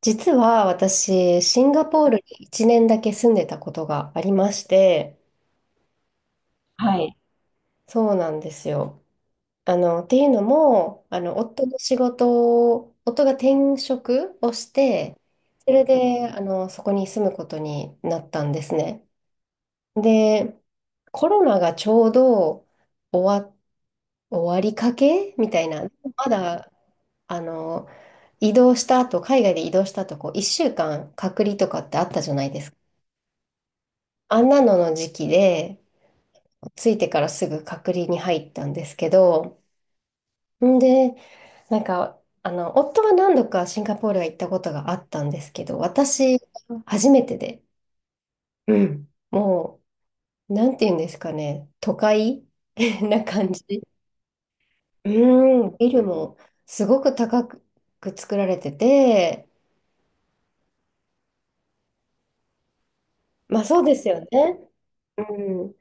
実は私、シンガポールに1年だけ住んでたことがありまして、はい。そうなんですよ。あの、っていうのも、あの、夫の仕事を、夫が転職をして、それで、そこに住むことになったんですね。で、コロナがちょうど終わ、終わりかけみたいな、まだ、あの、移動した後、海外で移動した後、こう、1週間隔離とかってあったじゃないですか。あんなのの時期で、ついてからすぐ隔離に入ったんですけど、んで、なんか、夫は何度かシンガポールは行ったことがあったんですけど、私、初めてで、うん、もう、なんて言うんですかね、都会 な感じ。うん、ビルもすごく高く作られてて、まあそうですよね。うん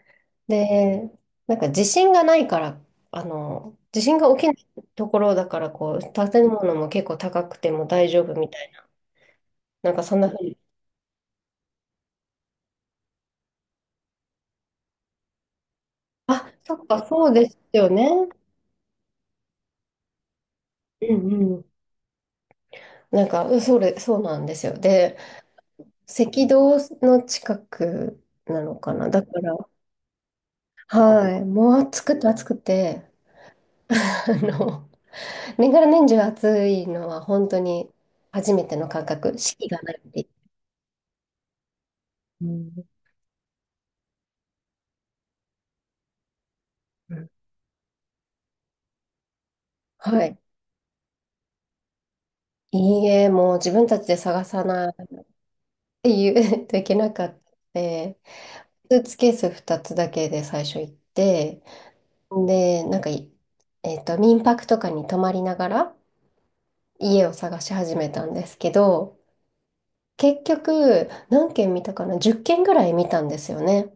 で、なんか地震がないから、地震が起きないところだから、こう、建物も結構高くても大丈夫みたいな、なんかそんな風に、あ、そっか、そうですよね。うんうん。なんか、うんそれ、そうなんですよ。で、赤道の近くなのかな。だから、はい、もう暑くて暑くて、あの、年がら年中暑いのは本当に初めての感覚、四季がないっていう。うんはい。いいえ、もう自分たちで探さないっていう といけ なかったので、スーツケース2つだけで最初行って、で、なんかい、えっと、民泊とかに泊まりながら家を探し始めたんですけど、結局、何軒見たかな？ 10 軒ぐらい見たんですよね。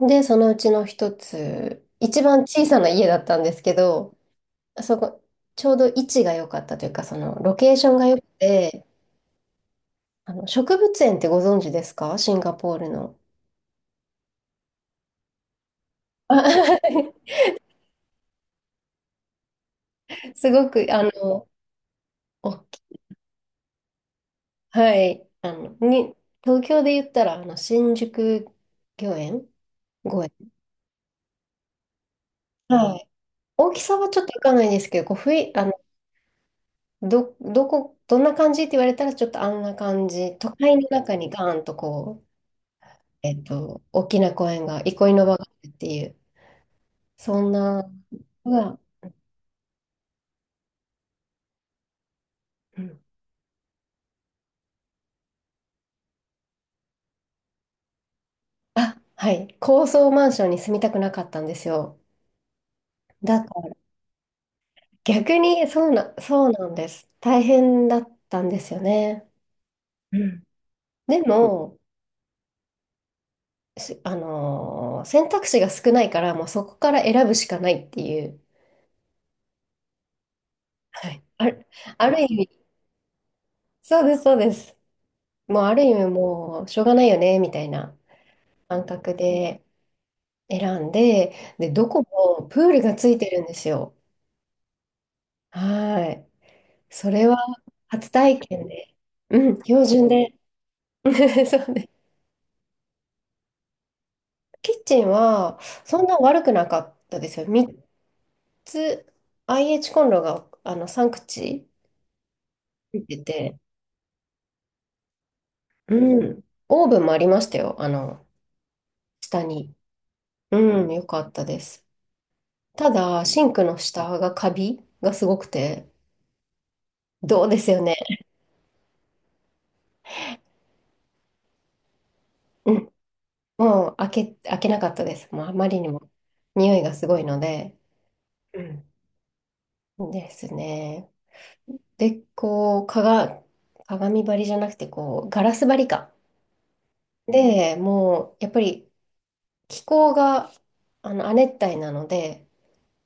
で、そのうちの一つ、一番小さな家だったんですけど、そこ、ちょうど位置が良かったというか、そのロケーションが良くて、植物園ってご存知ですかシンガポールの。あ すごく、おっきはい。東京で言ったら、新宿御苑御苑。はい。大きさはちょっといかないですけど、こう、ふい、あの、どんな感じって言われたら、ちょっとあんな感じ。都会の中にガーンとこう、大きな公園が、憩いの場があるっていう、そんな、うわ、うん。あ、はい。高層マンションに住みたくなかったんですよ。だから逆にそうなんです。大変だったんですよね。うん。でも、しあのー選択肢が少ないから、もうそこから選ぶしかないっていう。はい。ある意味、そうです、そうです。もうある意味もうしょうがないよね、みたいな感覚で選んで、で、どこもプールがついてるんですよ。はい。それは初体験で、うん、標準で。そうね、キッチンはそんな悪くなかったですよ。3つ IH コンロが3口ついてて、うん。オーブンもありましたよ。下に。うん、よかったです。ただ、シンクの下がカビがすごくて、どうですよね。うん。もう開けなかったです。もうあまりにも匂いがすごいので。うん。ですね。で、こう、鏡張りじゃなくて、こう、ガラス張りか。で、もう、やっぱり気候が亜熱帯なので、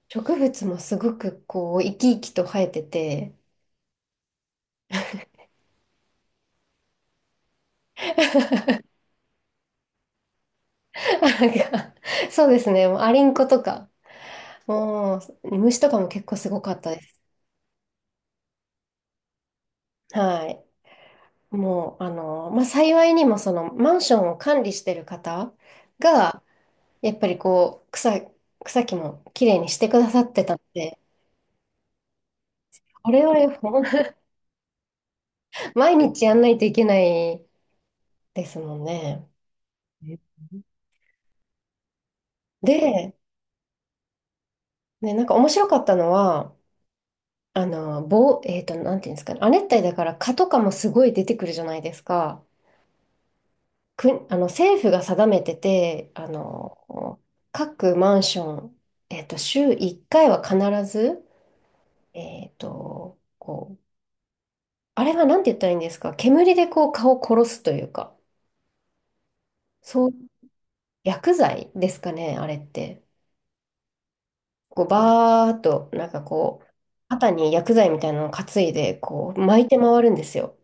植物もすごくこう生き生きと生えてて、なんか、そうですね、もうアリンコとか、もう虫とかも結構すごかったです。はい。もう、まあ、幸いにもそのマンションを管理してる方が、やっぱりこう、草木もきれいにしてくださってたので、これはほん 毎日やんないといけないですもんね。で、ね、なんか面白かったのは、あの、棒、えっと、なんていうんですかね。亜熱帯だから蚊とかもすごい出てくるじゃないですか。く、あの、政府が定めてて、各マンション、週1回は必ず、こう、あれはなんて言ったらいいんですか。煙でこう蚊を殺すというか、そう、薬剤ですかね、あれって。こう、バーっと、なんかこう、肩に薬剤みたいなのを担いで、こう、巻いて回るんですよ。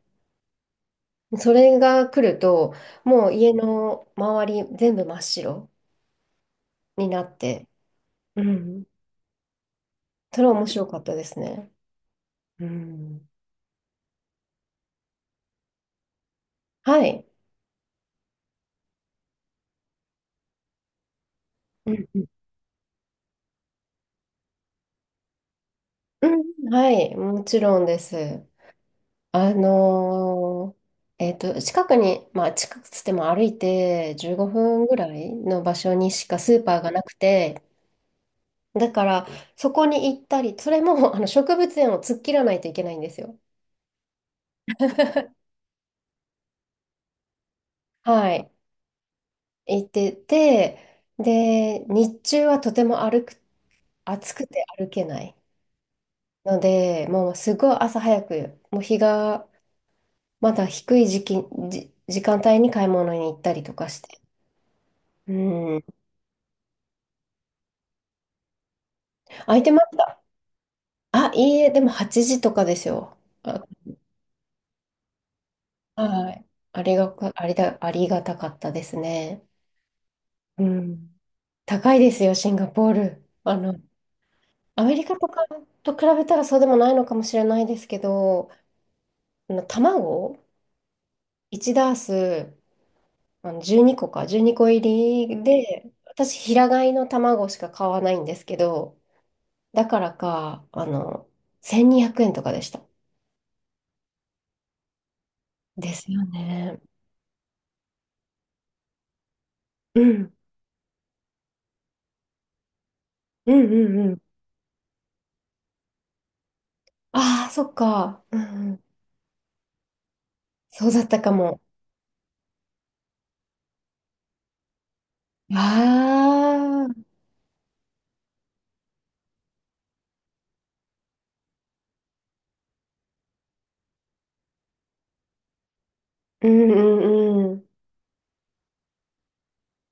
それが来ると、もう家の周り全部真っ白になって、うん。それは面白かったですね。うん。はい。うんうんうん、はい、もちろんです。あの近くに、まあ近くつっても歩いて15分ぐらいの場所にしかスーパーがなくて、だからそこに行ったり、それもあの植物園を突っ切らないといけないんですよ。はい。行ってて、で、日中はとても歩く、暑くて歩けないので、もうすごい朝早く、もう日がまだ低い時期、時間帯に買い物に行ったりとかして。うん、空いてました。あ、いいえ、でも8時とかですよ。あ、はい。ありがか、ありだ、ありがたかったですね。うん。高いですよ、シンガポール。アメリカとかと比べたらそうでもないのかもしれないですけど、卵1ダース、12個か、12個入りで、私、平飼いの卵しか買わないんですけど、だからか、1200円とかでした。ですよね。うん。うんうんうん。ああ、そっか。うんうん。そうだったかも。ああ、うんうんうん。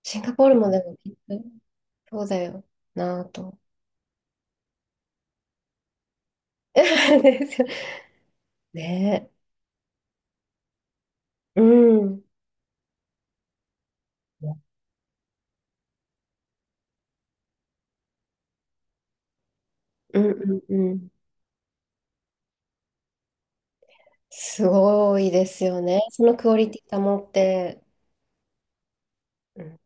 シンガポールもでもきっと、そうだよなぁと。ですよねえ。うん。うんうんうん。すごいですよね、そのクオリティ保って。うん、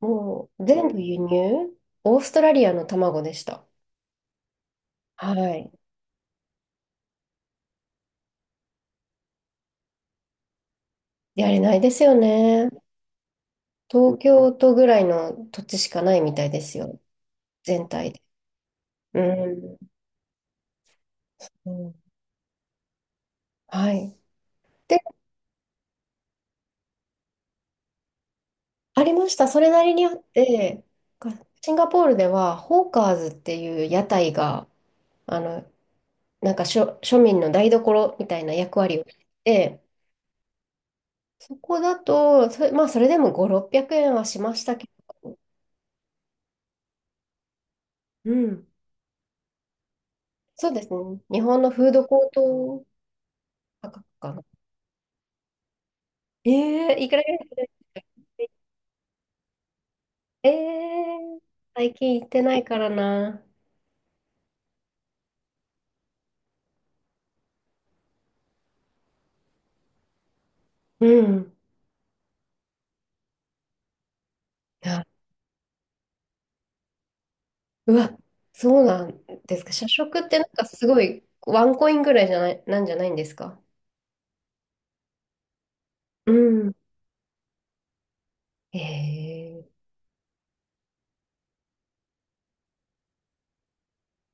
もう全部輸入、オーストラリアの卵でした。はい。やれないですよね。東京都ぐらいの土地しかないみたいですよ。全体で。うん。うんはい。で、ありました。それなりにあって、かシンガポールでは、ホーカーズっていう屋台が、あの、なんか庶民の台所みたいな役割をして、そこだと、それ、まあ、それでも5、600円はしましたけど、うん。そうですね。日本のフードコート価格かな。ええ、いくらぐらいする、ええー、最近行ってないからな。うん。あ、うわ、そうなんですか。社食ってなんかすごいワンコインぐらいじゃない、なんじゃないんですか。うん。えー、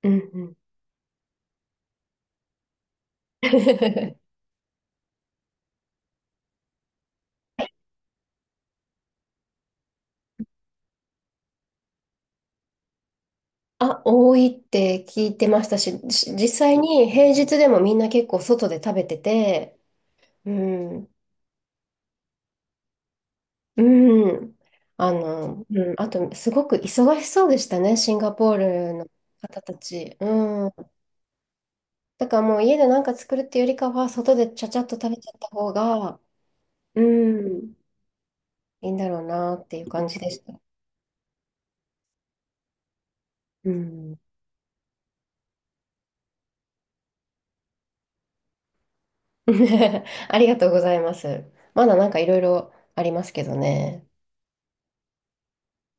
うんうん。あ、多いって聞いてましたし、実際に平日でもみんな結構外で食べてて、うん、うん、うん、あと、すごく忙しそうでしたね、シンガポールの方たち。うん。だからもう家で何か作るっていうよりかは、外でちゃちゃっと食べちゃった方が、うん、いいんだろうなっていう感じでした。うん。ありがとうございます。まだなんかいろいろありますけどね。